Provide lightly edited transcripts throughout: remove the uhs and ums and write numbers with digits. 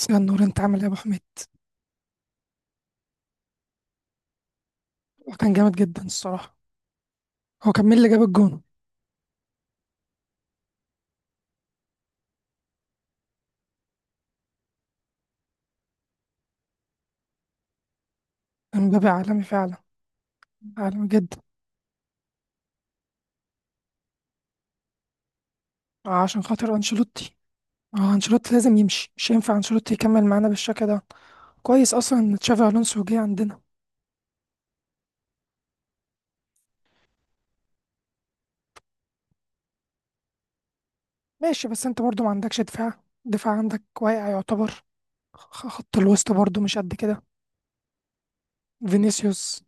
مساء النور، انت عامل ايه يا ابو حميد؟ هو كان جامد جدا الصراحه. هو كان مين اللي جاب الجون؟ امبابي عالمي فعلا. عالمي جدا. آه، عشان خاطر انشيلوتي. اه انشيلوتي لازم يمشي، مش ينفع انشيلوتي يكمل معانا بالشكل ده. كويس اصلا ان تشافي الونسو جه عندنا. ماشي بس انت برضو ما عندكش دفاع. الدفاع عندك واقع يعتبر. خط الوسط برضو مش قد كده. فينيسيوس.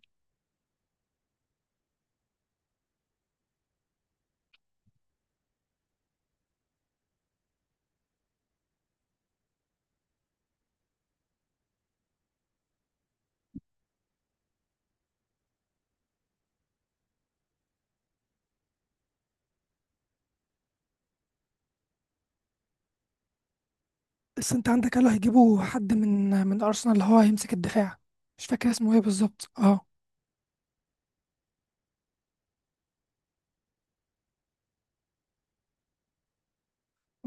بس انت عندك قالوا هيجيبوا حد من ارسنال اللي هو هيمسك الدفاع. مش فاكر اسمه ايه بالظبط، اه.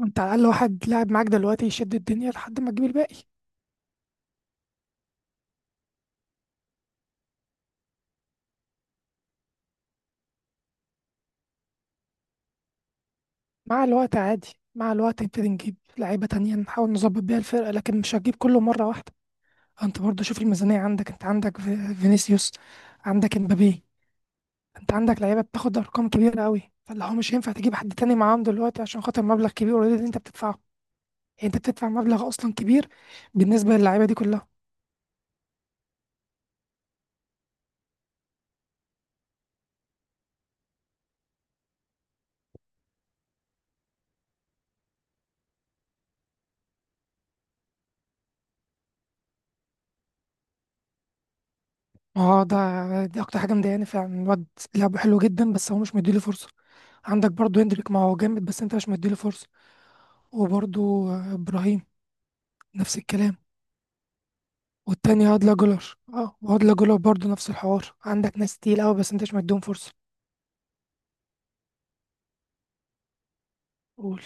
انت على الاقل واحد لاعب معاك دلوقتي يشد الدنيا لحد ما تجيب الباقي. مع الوقت عادي. مع الوقت نبتدي نجيب لعيبة تانية نحاول نظبط بيها الفرقة، لكن مش هتجيب كله مرة واحدة. انت برضو شوف الميزانية عندك. انت عندك فينيسيوس، عندك امبابي. انت عندك لعيبة بتاخد ارقام كبيرة قوي، فاللي هو مش هينفع تجيب حد تاني معاهم دلوقتي عشان خاطر مبلغ كبير اوريدي اللي انت بتدفعه. يعني انت بتدفع مبلغ اصلا كبير بالنسبة للعيبة دي كلها. اه ده دي اكتر حاجة مضايقاني فعلا. الواد لعبه حلو جدا بس هو مش مديله فرصة. عندك برضو هندريك، ما هو جامد بس انت مش مديله فرصة. وبرضو ابراهيم، نفس الكلام. والتانية هادلة جولر، اه وهادلة جولر برضه نفس الحوار. عندك ناس تقيل قوي بس انت مش مديهم فرصة. قول.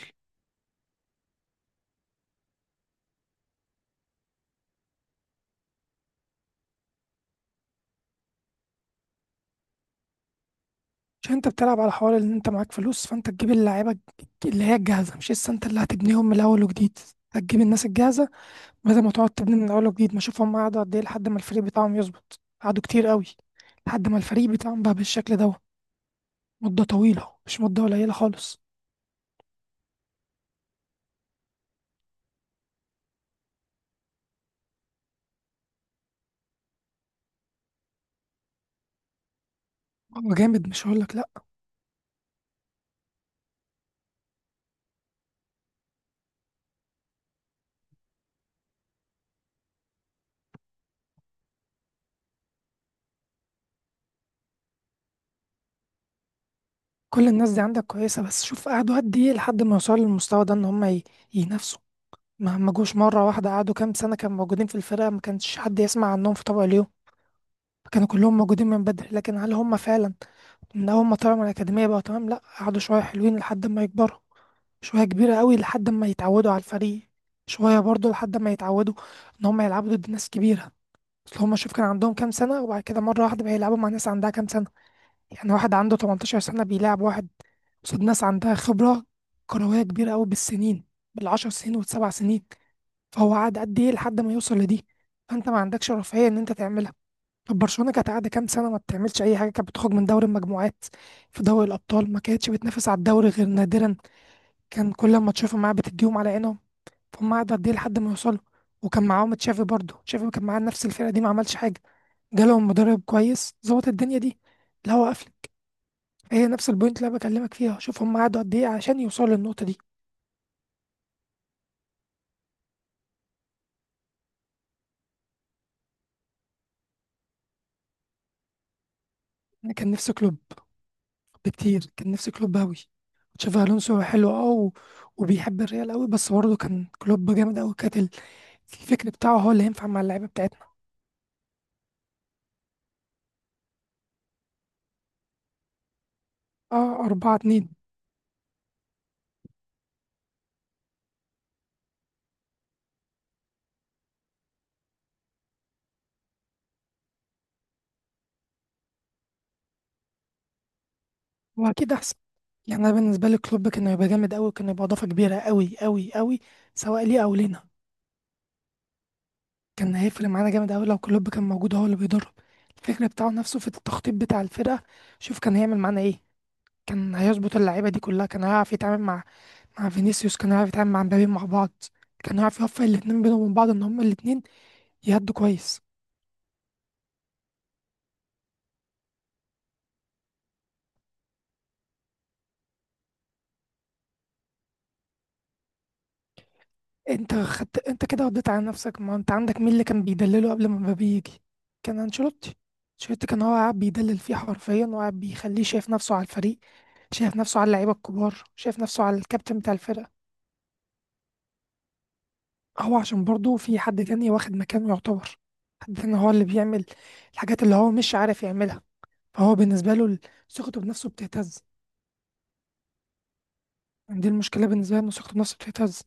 عشان انت بتلعب على حوار ان انت معاك فلوس، فانت تجيب اللعيبة اللي هي الجاهزة، مش لسه انت اللي هتبنيهم من الاول وجديد. هتجيب الناس الجاهزة بدل ما تقعد تبني من الاول وجديد. ما اشوف هم قعدوا قد ايه لحد ما الفريق بتاعهم يظبط. قعدوا كتير قوي لحد ما الفريق بتاعهم بقى بالشكل ده. مدة طويلة، مش مدة قليلة خالص. هو جامد، مش هقولك لأ. كل الناس دي عندك كويسة، بس شوف قعدوا قد ايه لحد ما يوصلوا للمستوى ده، ان هم ينافسوا. ما جوش مرة واحدة. قعدوا كام سنة كانوا موجودين في الفرقة، ما كانش حد يسمع عنهم في طبق اليوم. كانوا كلهم موجودين من بدري، لكن هل هم فعلا من أول ما طلعوا من الأكاديمية بقوا تمام؟ لأ، قعدوا شوية حلوين لحد ما يكبروا. شوية كبيرة قوي لحد ما يتعودوا على الفريق. شوية برضو لحد ما يتعودوا إن هم يلعبوا ضد ناس كبيرة. أصل هم شوف كان عندهم كام سنة، وبعد كده مرة واحدة بقى يلعبوا مع ناس عندها كام سنة. يعني واحد عنده 18 سنة بيلعب واحد قصاد ناس عندها خبرة كروية كبيرة قوي بالسنين، بالعشر سنين والسبع سنين. فهو قعد قد ايه لحد ما يوصل لدي. فانت ما عندكش رفاهيه ان انت تعملها. طب برشلونه كانت قاعده كام سنه ما بتعملش اي حاجه، كانت بتخرج من دوري المجموعات في دوري الابطال. ما كانتش بتنافس على الدوري غير نادرا. كان كل ما تشوفهم معاه بتديهم على عينهم. فهم قعدوا قد ايه لحد ما يوصلوا. وكان معاهم تشافي برضه، تشافي كان معاه نفس الفرقه دي ما عملش حاجه. جالهم مدرب كويس ظبط الدنيا دي. الهوا قفل. هي نفس البوينت اللي انا بكلمك فيها. شوف هم قعدوا قد ايه عشان يوصلوا للنقطه دي. انا كان نفسي كلوب بكتير، كان نفسي كلوب أوي. تشافي ألونسو حلو، وبيحب الريال أوي، بس برضه كان كلوب جامد أوي. كانت الفكر بتاعه هو اللي ينفع مع اللعيبة بتاعتنا. أه، أربعة اتنين. هو أكيد أحسن. يعني أنا بالنسبة لي كلوب كان هيبقى جامد أوي، كان هيبقى إضافة كبيرة أوي أوي أوي، سواء ليه أو لينا. كان هيفرق معانا جامد أوي لو كلوب كان موجود هو اللي بيدرب. الفكر بتاعه نفسه في التخطيط بتاع الفرقة. شوف كان هيعمل معانا إيه. كان هيظبط اللعيبه دي كلها. كان هيعرف يتعامل مع مع فينيسيوس، كان هيعرف يتعامل مع مبابي مع بعض. كان هيعرف يوفق الاتنين بينهم وبين بعض ان هما الاتنين يهدوا كويس. انت خدت انت كده رديت على نفسك. ما انت عندك مين اللي كان بيدلله قبل ما مبابي يجي؟ كان انشيلوتي. انشيلوتي كان هو قاعد بيدلل فيه حرفيا، وقاعد بيخليه شايف نفسه على الفريق، شايف نفسه على اللعيبه الكبار، شايف نفسه على الكابتن بتاع الفرقه. هو عشان برضه في حد تاني واخد مكانه يعتبر، حد تاني هو اللي بيعمل الحاجات اللي هو مش عارف يعملها. فهو بالنسبة له ثقته بنفسه بتهتز. يعني دي المشكلة بالنسبة له، إن ثقته بنفسه بتهتز.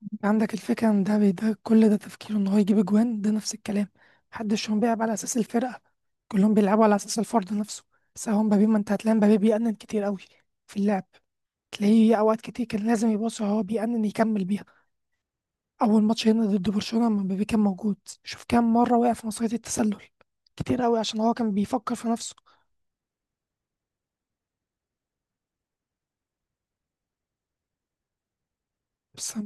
يعني عندك الفكرة إن ده كل ده تفكيره إن هو يجيب أجوان، ده نفس الكلام. محدش هم بيلعب على أساس الفرقة، كلهم بيلعبوا على أساس الفرد نفسه. بس هو مبابي ما أنت هتلاقي مبابي بيأنن كتير قوي في اللعب. تلاقيه أوقات كتير كان لازم يبص، هو بيأنن يكمل بيها. أول ماتش هنا ضد برشلونة لما مبابي كان موجود، شوف كام مرة وقع في مصيدة التسلل، كتير قوي، عشان هو كان بيفكر في نفسه. بس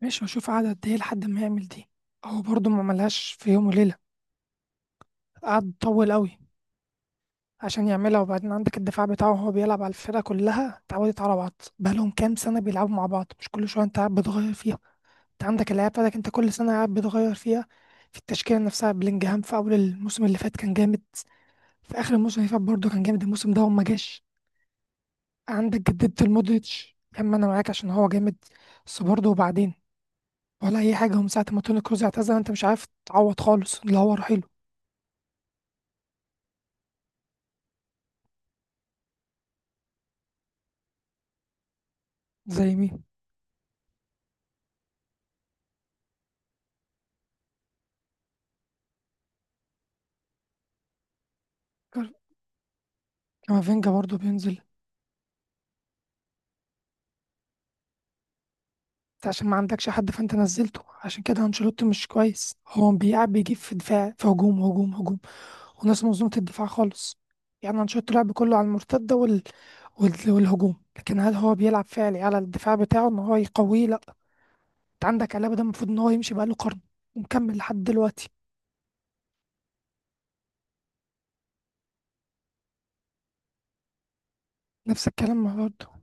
ماشي هشوف قعد قد ايه لحد ما يعمل دي. هو برضه ما عملهاش في يوم وليلة، قعد طول قوي عشان يعملها. وبعدين عندك الدفاع بتاعه، هو بيلعب على الفرقة كلها اتعودت على بعض. بقالهم كام سنة بيلعبوا مع بعض، مش كل شوية انت قاعد بتغير فيها. انت عندك اللعيبة بتاعتك انت كل سنة قاعد بتغير فيها، في التشكيلة نفسها. بلينجهام في أول الموسم اللي فات كان جامد، في آخر الموسم اللي فات برضه كان جامد، الموسم ده هو ما جاش. عندك جددت المودريتش، كم أنا معاك عشان هو جامد، بس برضه وبعدين ولا أي حاجة هم ساعة ما توني كروز اعتزل، انت مش عارف تعوض خالص اللي هو رحيله. زي مين؟ كار- كامافينجا برضو بينزل. انت عشان ما عندكش حد فانت نزلته. عشان كده انشيلوتي مش كويس، هو بيلعب بيجيب في دفاع، في هجوم، هجوم، هجوم، وناس منظومة الدفاع خالص. يعني انشيلوتي لعب كله على المرتدة والهجوم، لكن هل هو بيلعب فعلي على الدفاع بتاعه ان هو يقويه؟ لا. انت عندك علابة ده المفروض ان هو يمشي بقاله قرن، ومكمل لحد دلوقتي. نفس الكلام برضه،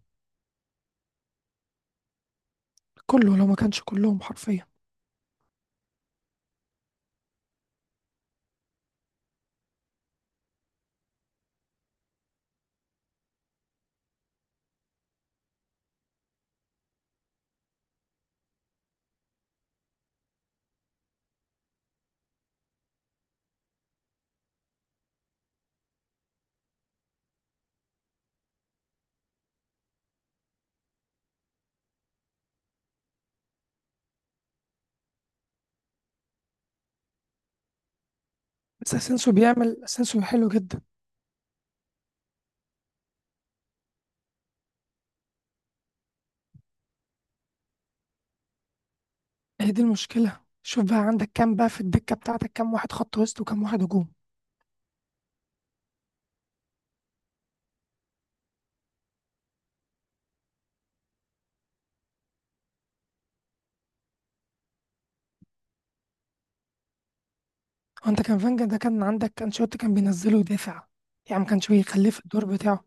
كله لو ما كانش كلهم حرفيا. بس اسينسيو بيعمل، اسينسيو حلو جدا. هي دي المشكلة. شوف بقى عندك كام بقى في الدكة بتاعتك، كام واحد خط وسط وكام واحد هجوم. هو انت كان فانجا ده كان عندك كان شوت كان بينزله يدافع، يعني ما كانش بيخليه في الدور بتاعه.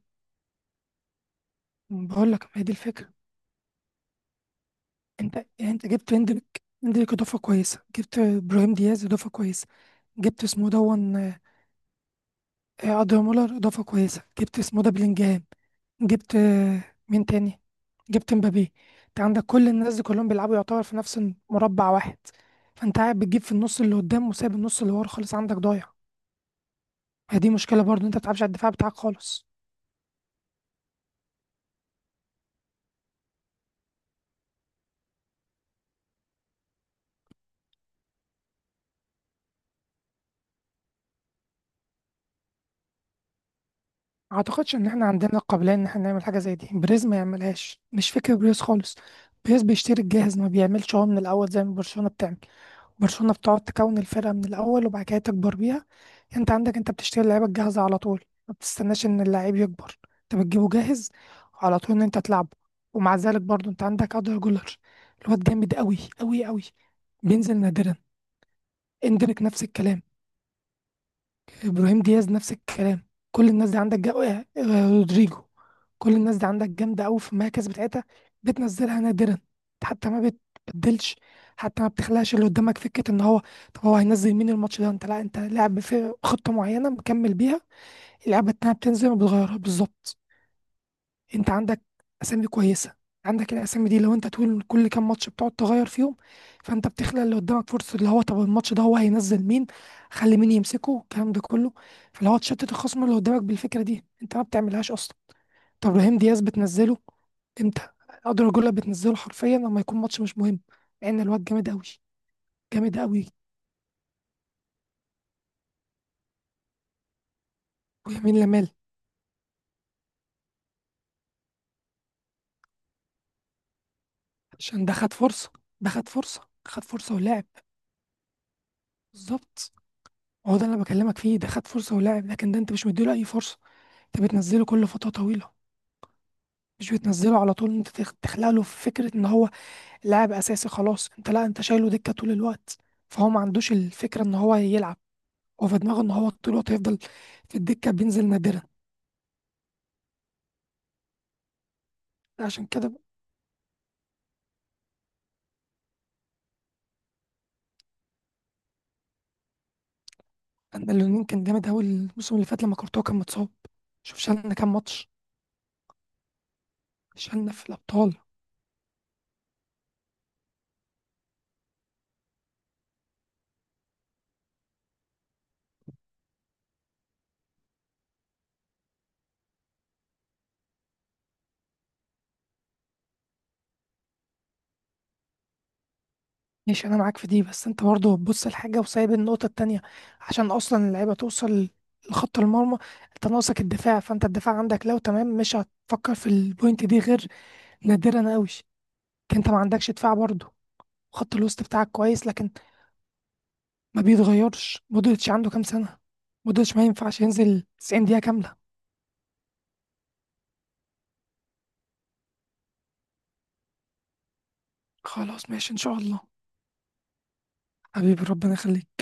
بقول لك هي دي الفكرة. انت يعني انت جبت اندريك، اندريك اضافة كويسة. جبت ابراهيم دياز اضافة كويسة. جبت اسمه دون ادريان مولر اضافة كويسة. جبت اسمه ده بلينجهام. جبت مين تاني. جبت مبابي. انت عندك كل الناس دي كلهم بيلعبوا يعتبر في نفس مربع واحد. فانت قاعد بتجيب في النص اللي قدام، وسايب النص اللي ورا خالص، عندك ضايع. هي دي مشكله برضو، انت ما بتلعبش على الدفاع بتاعك خالص. ما اعتقدش ان احنا عندنا القابليه ان احنا نعمل حاجه زي دي. بريز ما يعملهاش، مش فكره بريز خالص. بريز بيشتري الجاهز، ما بيعملش هو من الاول زي ما برشلونه بتعمل. برشلونة بتقعد تكون الفرقة من الأول وبعد كده تكبر بيها. أنت عندك أنت بتشتري اللعيبة الجاهزة على طول، ما بتستناش إن اللعيب يكبر، أنت بتجيبه جاهز على طول إن أنت تلعبه. ومع ذلك برضو أنت عندك أدر جولر، الواد جامد أوي أوي أوي، بينزل نادرا. اندريك نفس الكلام. ابراهيم دياز نفس الكلام. كل الناس دي عندك جا... آه، آه، رودريجو، كل الناس دي عندك جامده قوي في المراكز بتاعتها، بتنزلها نادرا. حتى ما بتبدلش، حتى ما بتخلقش اللي قدامك فكره ان هو طب هو هينزل مين الماتش ده. انت لا، انت لاعب في خطه معينه مكمل بيها، اللعبه التانيه بتنزل ما بتغيرها. بالظبط. انت عندك اسامي كويسه، عندك الاسامي دي لو انت طول كل كام ماتش بتقعد تغير فيهم، فانت بتخلق اللي قدامك فرصه اللي هو طب الماتش ده هو هينزل مين، خلي مين يمسكه، الكلام ده كله. فاللي هو تشتت الخصم اللي قدامك بالفكره دي انت ما بتعملهاش اصلا. طب ابراهيم دياز بتنزله امتى؟ اقدر اقول لك بتنزله حرفيا لما يكون ماتش مش مهم، مع ان الواد جامد قوي، جامد قوي. ويمين لمال. عشان ده خد فرصه، ده خد فرصه. خد فرصه ولعب. بالظبط، هو ده اللي انا بكلمك فيه. ده خد فرصه ولعب، لكن ده انت مش مديله اي فرصه. انت بتنزله كل فترة طويلة، مش بتنزله على طول انت تخلق له فكرة ان هو لاعب اساسي خلاص. انت لا، انت شايله دكة طول الوقت. فهو ما عندوش الفكرة ان هو يلعب، هو في دماغه ان هو طول الوقت هيفضل في الدكة، بينزل نادرا. عشان كده. انا اللي كان جامد اوي الموسم اللي فات لما كورتوا كان متصاب، شوف شالنا كام ماتش، شالنا في الابطال. ماشي انا معاك في دي، بس انت برضه بتبص الحاجه وسايب النقطه التانية. عشان اصلا اللعيبه توصل لخط المرمى انت ناقصك الدفاع، فانت الدفاع عندك لو تمام مش هتفكر في البوينت دي غير نادرا قوي. انت ما عندكش دفاع برضه. خط الوسط بتاعك كويس، لكن ما بيتغيرش. مودريتش عنده كام سنه؟ مودريتش ما ينفعش ينزل 90 دقيقه كامله. خلاص ماشي ان شاء الله. حبيبي ربنا يخليك.